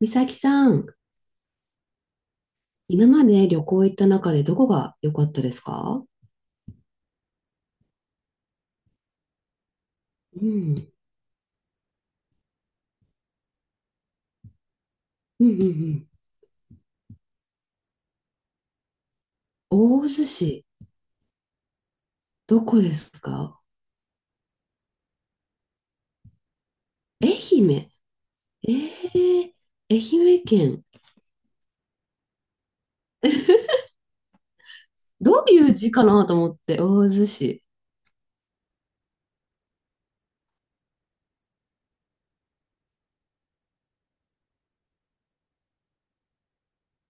美咲さん、今まで旅行行った中でどこが良かったですか？うん、うん、うん、うん。大洲市、どこですか？愛媛。えー、愛媛県。どういう字かなと思って、大洲市。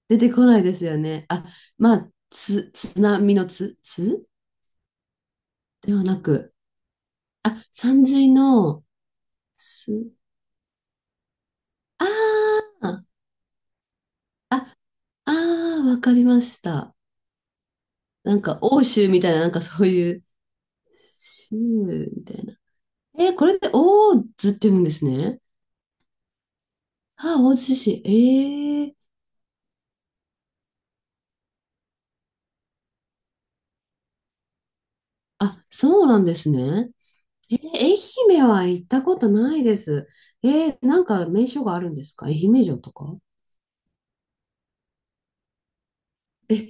出てこないですよね。あ、まあ、津波のつではなく、あ、山水の、す、あー、あ、あー、わかりました。なんか、欧州みたいな、なんかそういう、シムみたいな。えー、これでオーズって言うんですね。あ、大津市。ええ。あ、そうなんですね。えー、愛媛は行ったことないです。えー、なんか名所があるんですか？愛媛城とか。え、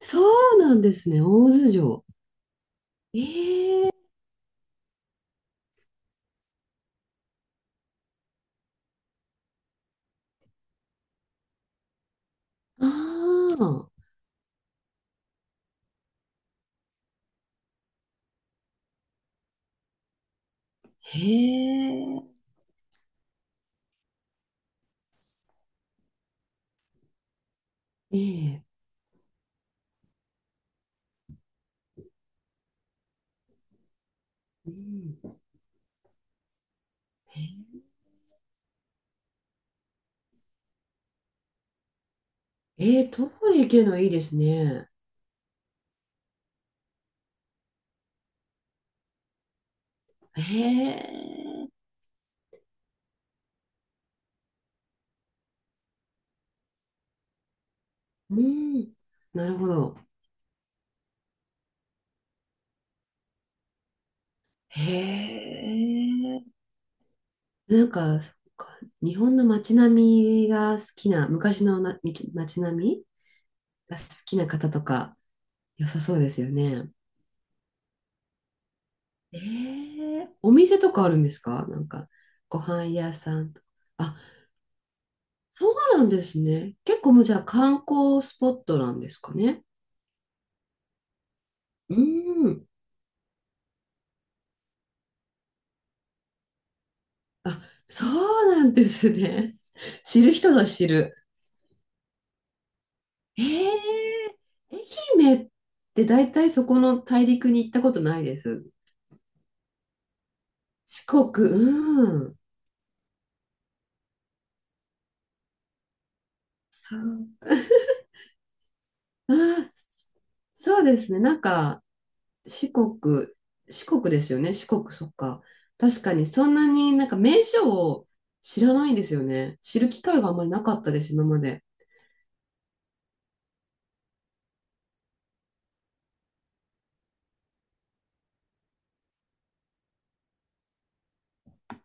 そうなんですね。大津城。ええ。ああ、へえ、ええ、うん、ええ、遠い行けるのいいですね。へえ、うん、なるほど。へえ。なんか、そっか、日本の街並みが好きな、昔の街並みが好きな方とか、良さそうですよね。ええ。お店とかあるんですか？なんか、ご飯屋さんとか。あ、そうなんですね。結構もうじゃあ観光スポットなんですかね。うーん。あ、そうなんですね。知る人ぞ知る。えー、愛媛って大体そこの大陸に行ったことないです。四国、うん。そう。あー、そうですね。なんか、四国、四国ですよね。四国、そっか。確かに、そんなになんか名所を知らないんですよね。知る機会があんまりなかったです、今まで。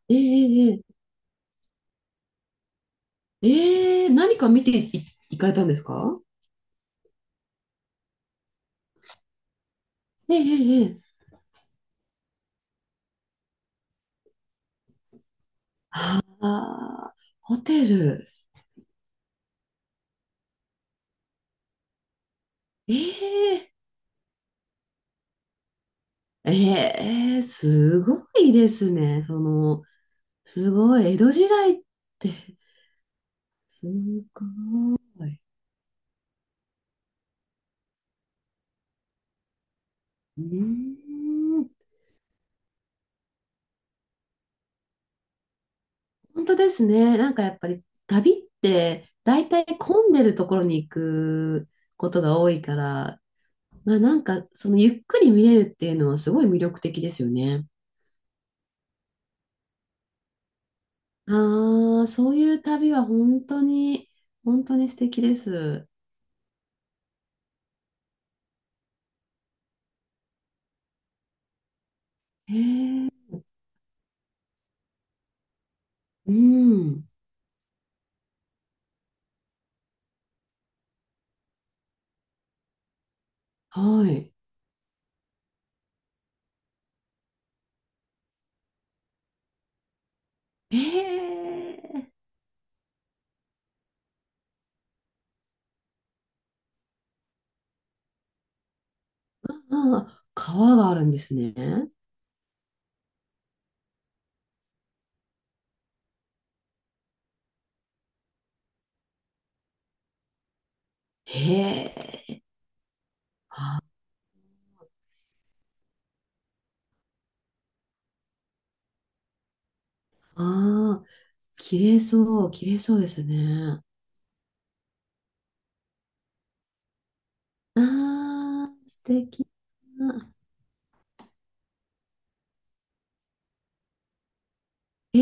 ええ、ええ、ええ、何か見てい、行かれたんですか？ええ、ええ、ええ、ああ、ホテル。ええ、ええ、すごいですね。その、すごい。江戸時代って、すごい。うーん、本当ですね。なんかやっぱり旅って大体混んでるところに行くことが多いから、まあなんかそのゆっくり見れるっていうのはすごい魅力的ですよね。ああ、そういう旅は本当に、本当に素敵です。ええ、うん、はい。ええ、ああ、川があるんですね。へえ。ああ、綺麗そう、綺麗そうですね。ああ、素敵な。え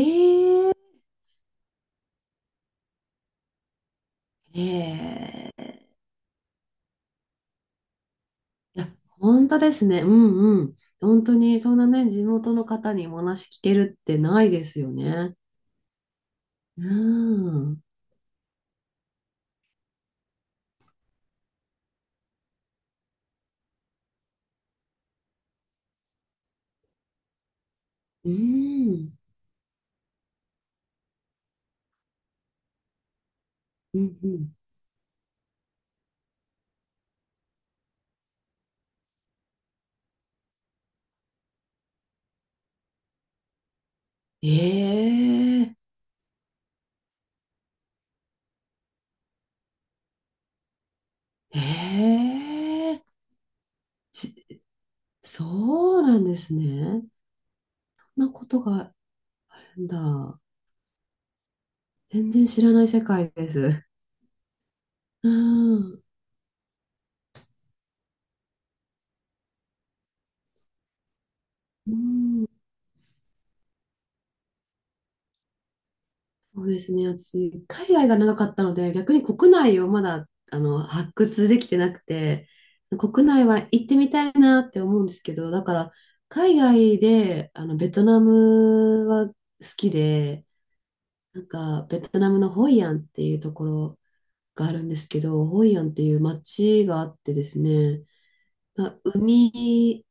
え、ええ。いや、本当ですね。うん、うん。本当に、そんなね、地元の方にお話聞けるってないですよね。うん。うん。うん、うん。ええ、ええ。ちそうなんですね。そんなことがなんだ。全然知らない世界です。うん。うん。そうですね。私、海外が長かったので、逆に国内をまだ、あの、発掘できてなくて、国内は行ってみたいなって思うんですけど、だから、海外で、あの、ベトナムは好きで、なんか、ベトナムのホイアンっていうところがあるんですけど、ホイアンっていう街があってですね、まあ、海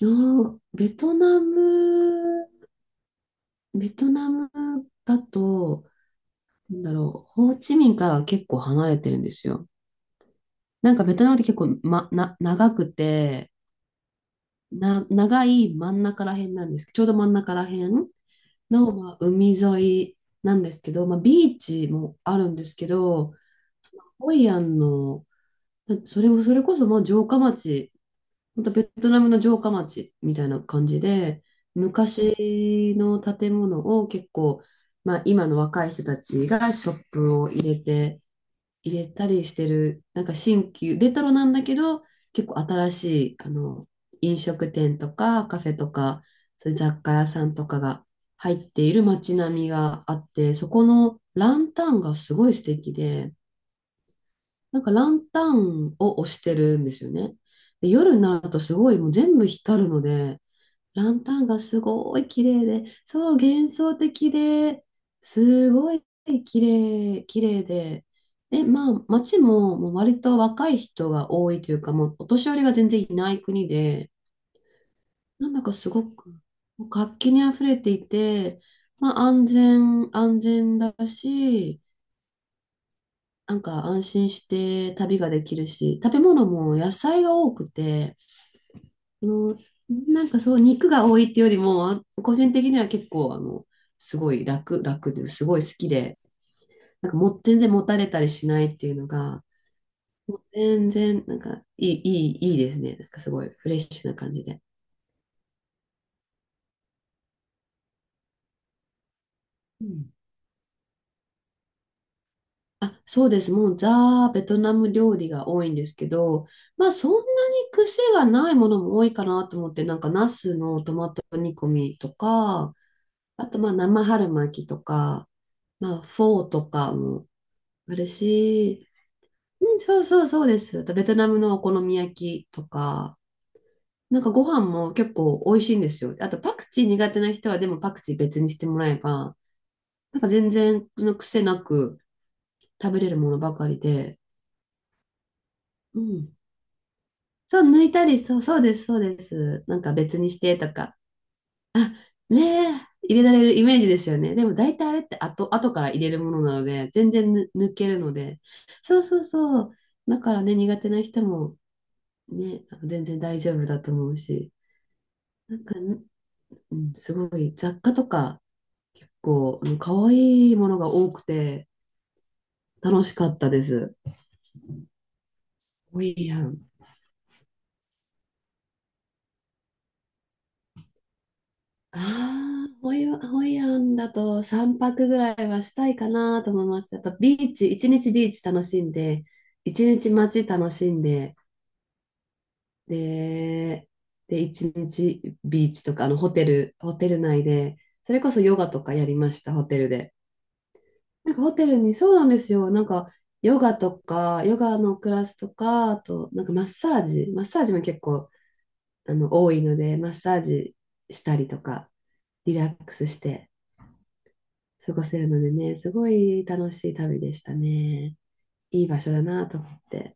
の、ベトナムだと、なんだろう、ホーチミンからは結構離れてるんですよ。なんかベトナムって結構、長くて、長い真ん中ら辺なんですけど、ちょうど真ん中ら辺の、まあ、海沿いなんですけど、まあ、ビーチもあるんですけど、ホイアンの、それも、それこそもう城下町、またベトナムの城下町みたいな感じで、昔の建物を結構、まあ、今の若い人たちがショップを入れて、入れたりしてる、なんか新旧、レトロなんだけど、結構新しい、あの、飲食店とかカフェとか、そういう雑貨屋さんとかが入っている街並みがあって、そこのランタンがすごい素敵で、なんかランタンを押してるんですよね。で、夜になるとすごいもう全部光るので、ランタンがすごい綺麗で、そう、幻想的で、すごい綺綺麗で、で、まあ、街ももう割と若い人が多いというか、もうお年寄りが全然いない国で、なんだかすごく活気にあふれていて、まあ、安全、安全だし、なんか安心して旅ができるし、食べ物も野菜が多くて、あの、なんかそう、肉が多いっていうよりも、個人的には結構、あの、すごい楽で、すごい好きで、なんかもう全然もたれたりしないっていうのが、もう全然、なんかいい、いい、いいですね。なんかすごいフレッシュな感じで。うん、あ、そうです。もうザ・ベトナム料理が多いんですけど、まあそんなに癖がないものも多いかなと思って、なんかナスのトマト煮込みとか、あと、まあ、生春巻きとか、まあ、フォーとかもあるし、うん、そうそうそうです。あとベトナムのお好み焼きとか、なんかご飯も結構美味しいんですよ。あと、パクチー苦手な人は、でもパクチー別にしてもらえば、なんか全然の癖なく食べれるものばかりで、うん。そう、抜いたり、そう、そうです、そうです。なんか別にしてとか、ねえ、入れられるイメージですよね。でも大体あれって後、後から入れるものなので、全然抜けるので。そう、そう、そう。だからね、苦手な人もね、あの全然大丈夫だと思うし。なんか、うん、すごい雑貨とか結構、うん、可愛いものが多くて楽しかったです。ホイアン。ああ、ホイアン、ホイアンだと3泊ぐらいはしたいかなと思います。やっぱビーチ、一日ビーチ楽しんで、一日街楽しんで、で、で、一日ビーチとか、あの、ホテル、ホテル内で、それこそヨガとかやりました、ホテルで。なんかホテルに、そうなんですよ。なんか、ヨガとか、ヨガのクラスとか、あと、なんかマッサージも結構、あの、多いので、マッサージしたりとか、リラックスして過ごせるのでね、すごい楽しい旅でしたね。いい場所だなと思って。